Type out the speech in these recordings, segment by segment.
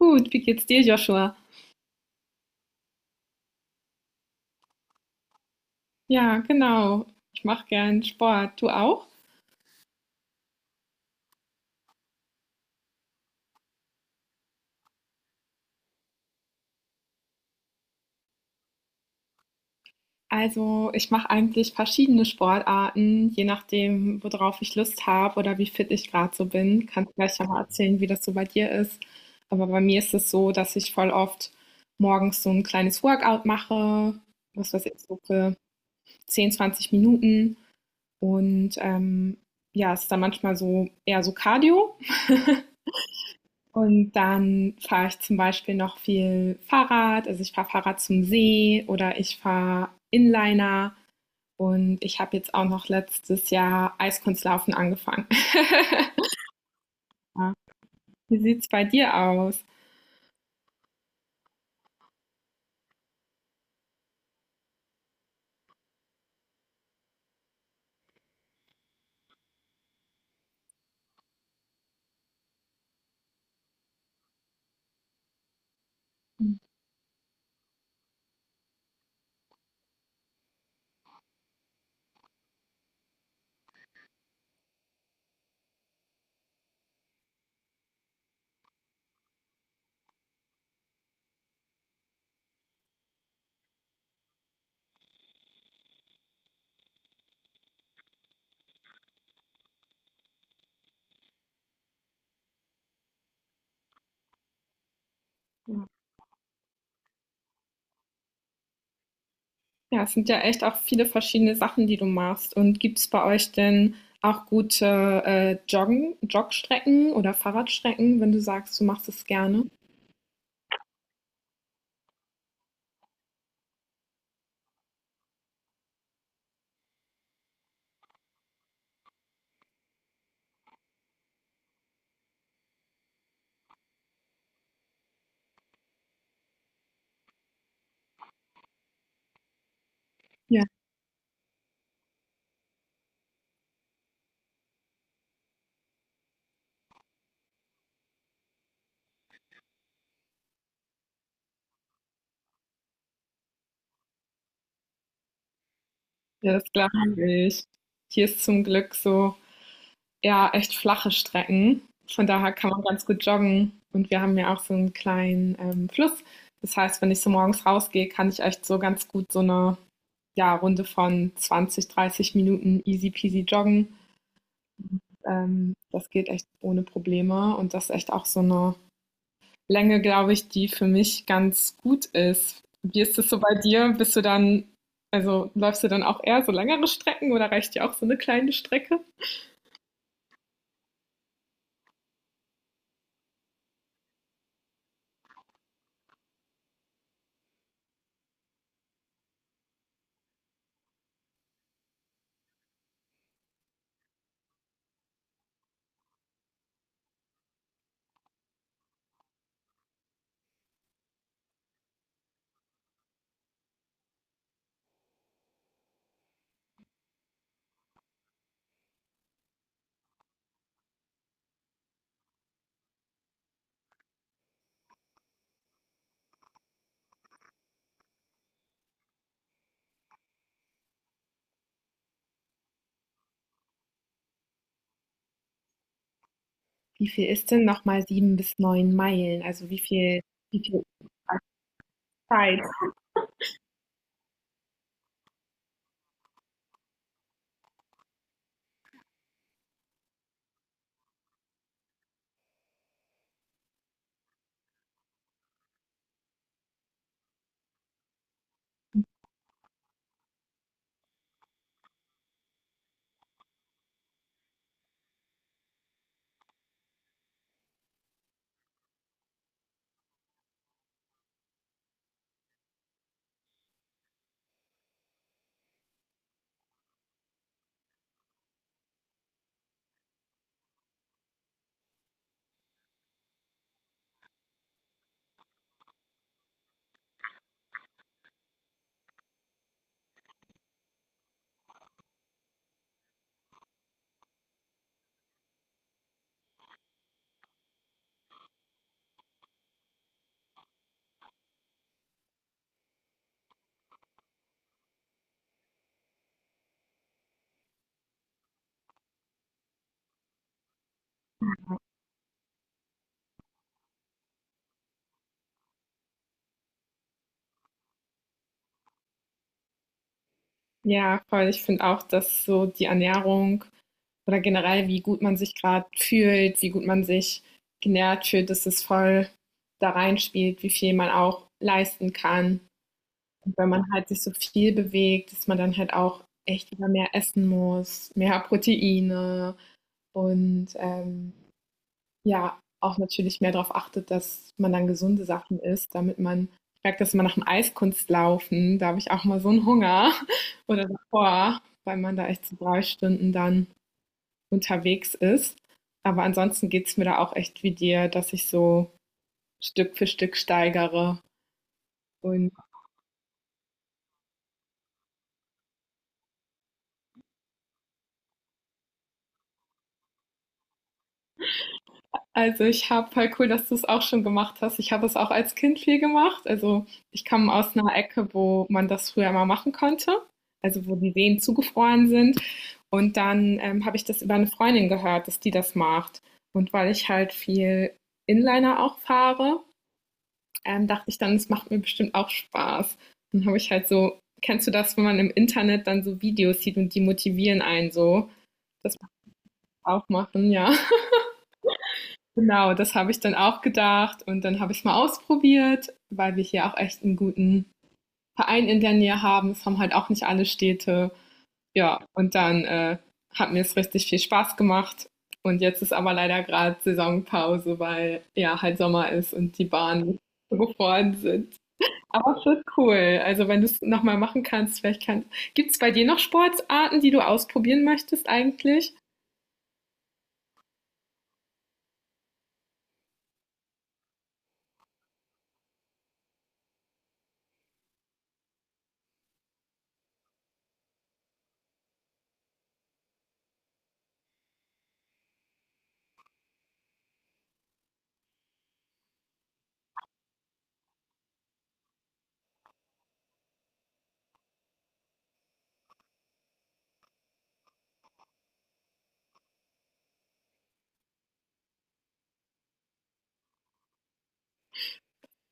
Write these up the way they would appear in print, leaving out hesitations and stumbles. Gut, wie geht's dir, Joshua? Ja, genau. Ich mache gern Sport. Du auch? Also, ich mache eigentlich verschiedene Sportarten, je nachdem, worauf ich Lust habe oder wie fit ich gerade so bin. Kannst gleich ja mal erzählen, wie das so bei dir ist. Aber bei mir ist es so, dass ich voll oft morgens so ein kleines Workout mache, was weiß ich, so für 10, 20 Minuten. Und ja, es ist dann manchmal so eher so Cardio. Und dann fahre ich zum Beispiel noch viel Fahrrad. Also ich fahre Fahrrad zum See oder ich fahre Inliner. Und ich habe jetzt auch noch letztes Jahr Eiskunstlaufen angefangen. Ja. Wie sieht es bei dir aus? Ja, es sind ja echt auch viele verschiedene Sachen, die du machst. Und gibt es bei euch denn auch gute Jogstrecken oder Fahrradstrecken, wenn du sagst, du machst es gerne? Ja, ja, das glaube ich. Hier ist zum Glück so ja echt flache Strecken. Von daher kann man ganz gut joggen. Und wir haben ja auch so einen kleinen Fluss. Das heißt, wenn ich so morgens rausgehe, kann ich echt so ganz gut so eine ja, Runde von 20, 30 Minuten easy peasy joggen. Das geht echt ohne Probleme. Und das ist echt auch so eine Länge, glaube ich, die für mich ganz gut ist. Wie ist es so bei dir? Bist du dann, also läufst du dann auch eher so längere Strecken oder reicht dir auch so eine kleine Strecke? Wie viel ist denn noch mal 7 bis 9 Meilen? Also, wie viel ist Zeit? Ja, voll. Ich finde auch, dass so die Ernährung oder generell, wie gut man sich gerade fühlt, wie gut man sich genährt fühlt, dass es voll da reinspielt, wie viel man auch leisten kann. Und wenn man halt sich so viel bewegt, dass man dann halt auch echt wieder mehr essen muss, mehr Proteine und, ja, auch natürlich mehr darauf achtet, dass man dann gesunde Sachen isst, damit man ich merke das immer nach dem Eiskunstlaufen, da habe ich auch mal so einen Hunger oder davor, weil man da echt so 3 Stunden dann unterwegs ist. Aber ansonsten geht es mir da auch echt wie dir, dass ich so Stück für Stück steigere und. Also, ich habe voll cool, dass du es auch schon gemacht hast. Ich habe es auch als Kind viel gemacht. Also, ich komme aus einer Ecke, wo man das früher mal machen konnte, also, wo die Seen zugefroren sind. Und dann, habe ich das über eine Freundin gehört, dass die das macht. Und weil ich halt viel Inliner auch fahre, dachte ich dann, es macht mir bestimmt auch Spaß. Dann habe ich halt so, kennst du das, wenn man im Internet dann so Videos sieht und die motivieren einen so? Das muss ich auch machen, ja. Genau, das habe ich dann auch gedacht und dann habe ich es mal ausprobiert, weil wir hier auch echt einen guten Verein in der Nähe haben. Es haben halt auch nicht alle Städte. Ja, und dann hat mir es richtig viel Spaß gemacht. Und jetzt ist aber leider gerade Saisonpause, weil ja halt Sommer ist und die Bahnen so gefroren sind. Aber es ist cool. Also wenn du es nochmal machen kannst, vielleicht kannst. Gibt es bei dir noch Sportarten, die du ausprobieren möchtest eigentlich?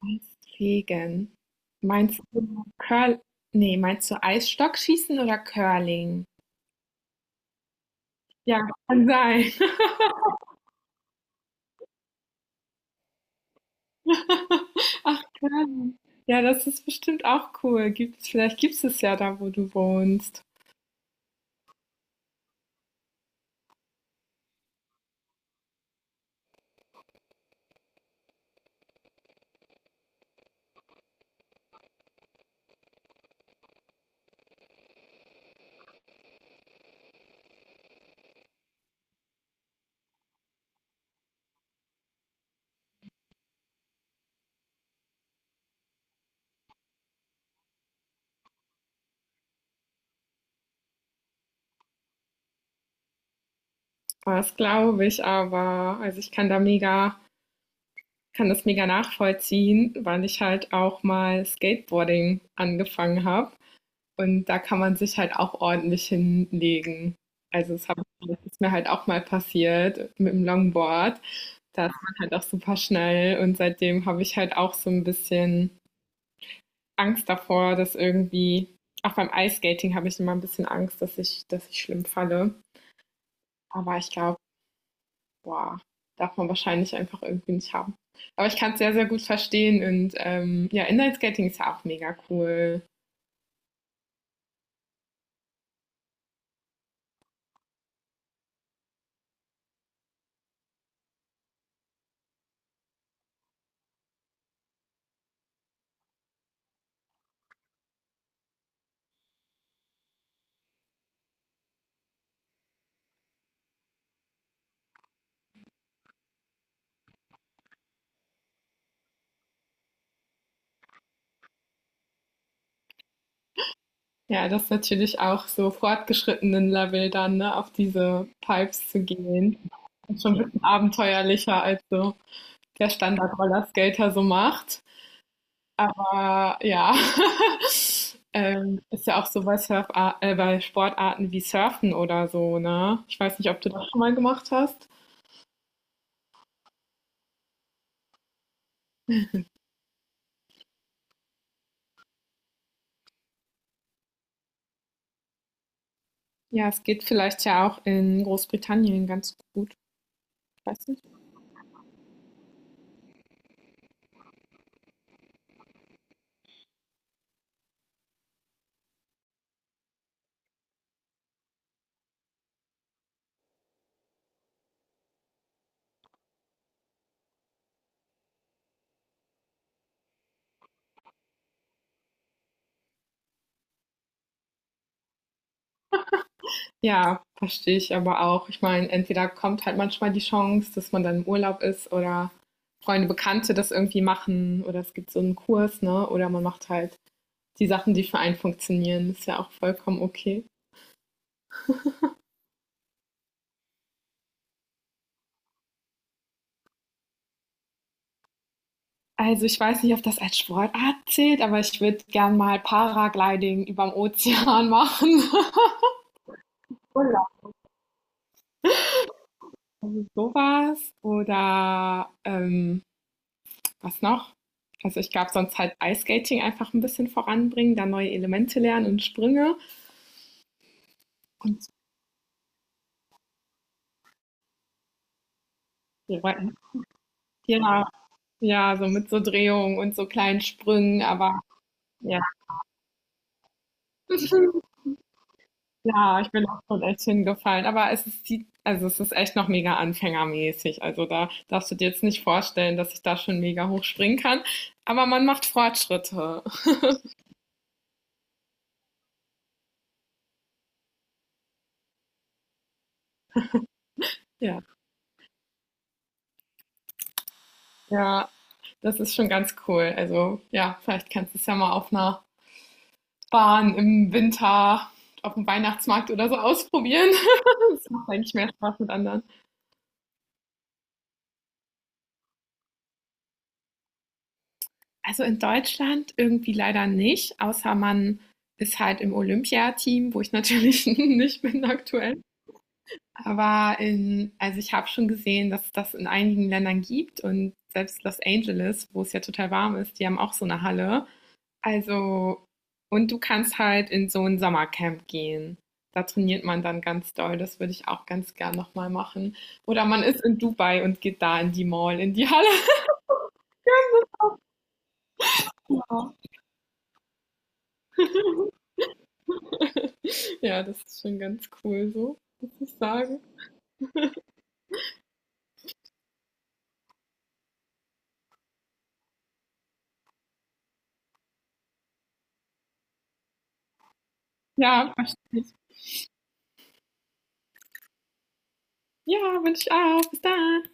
Eisfegen. Meinst du Curl? Nee, meinst du Eisstockschießen oder Curling? Ja, kann sein. Curling. Ja, das ist bestimmt auch cool. Gibt's, vielleicht gibt es es ja da, wo du wohnst. Das glaube ich aber. Also ich kann da mega, kann das mega nachvollziehen, weil ich halt auch mal Skateboarding angefangen habe. Und da kann man sich halt auch ordentlich hinlegen. Also, das ist mir halt auch mal passiert mit dem Longboard. Da ist man halt auch super schnell und seitdem habe ich halt auch so ein bisschen Angst davor, dass irgendwie, auch beim Eiskating habe ich immer ein bisschen Angst, dass ich schlimm falle. Aber ich glaube, boah, darf man wahrscheinlich einfach irgendwie nicht haben. Aber ich kann es sehr, sehr gut verstehen und ja, Inline-Skating ist ja auch mega cool. Ja, das ist natürlich auch so fortgeschrittenen Level dann, ne, auf diese Pipes zu gehen. Das ist schon ein bisschen abenteuerlicher, als so der Standard-Rollerskater so macht. Aber ja, ist ja auch so bei, Surf bei Sportarten wie Surfen oder so, ne? Ich weiß nicht, ob du das schon mal gemacht hast. Ja, es geht vielleicht ja auch in Großbritannien ganz gut. Ich weiß. Ja, verstehe ich aber auch. Ich meine, entweder kommt halt manchmal die Chance, dass man dann im Urlaub ist oder Freunde, Bekannte das irgendwie machen oder es gibt so einen Kurs, ne? Oder man macht halt die Sachen, die für einen funktionieren. Ist ja auch vollkommen okay. Also ich weiß nicht, ob das als Sportart zählt, aber ich würde gern mal Paragliding überm Ozean machen. Urlaub. Also sowas. Oder was noch? Also ich glaube, sonst halt Eiskating einfach ein bisschen voranbringen, da neue Elemente lernen und Sprünge. Und so Rücken. Ja, ja, so mit so Drehungen und so kleinen Sprüngen, aber ja, ja, ich bin auch schon echt hingefallen. Aber es ist die, also es ist echt noch mega anfängermäßig. Also da darfst du dir jetzt nicht vorstellen, dass ich da schon mega hoch springen kann. Aber man macht Fortschritte. Ja, ja, das ist schon ganz cool. Also ja, vielleicht kannst du es ja mal auf einer Bahn im Winter, auf dem Weihnachtsmarkt oder so ausprobieren. Das macht eigentlich mehr Spaß mit anderen. Also in Deutschland irgendwie leider nicht, außer man ist halt im Olympiateam, wo ich natürlich nicht bin aktuell. Aber in, also ich habe schon gesehen, dass es das in einigen Ländern gibt und selbst Los Angeles, wo es ja total warm ist, die haben auch so eine Halle. Also, und du kannst halt in so ein Sommercamp gehen. Da trainiert man dann ganz doll. Das würde ich auch ganz gern nochmal machen. Oder man ist in Dubai und geht da in die Mall, in die Halle. Ja. Ja, das ist schon ganz cool so, muss ich sagen. Ja, verstehe ich. Ja, wünsche ich auch. Bis dann.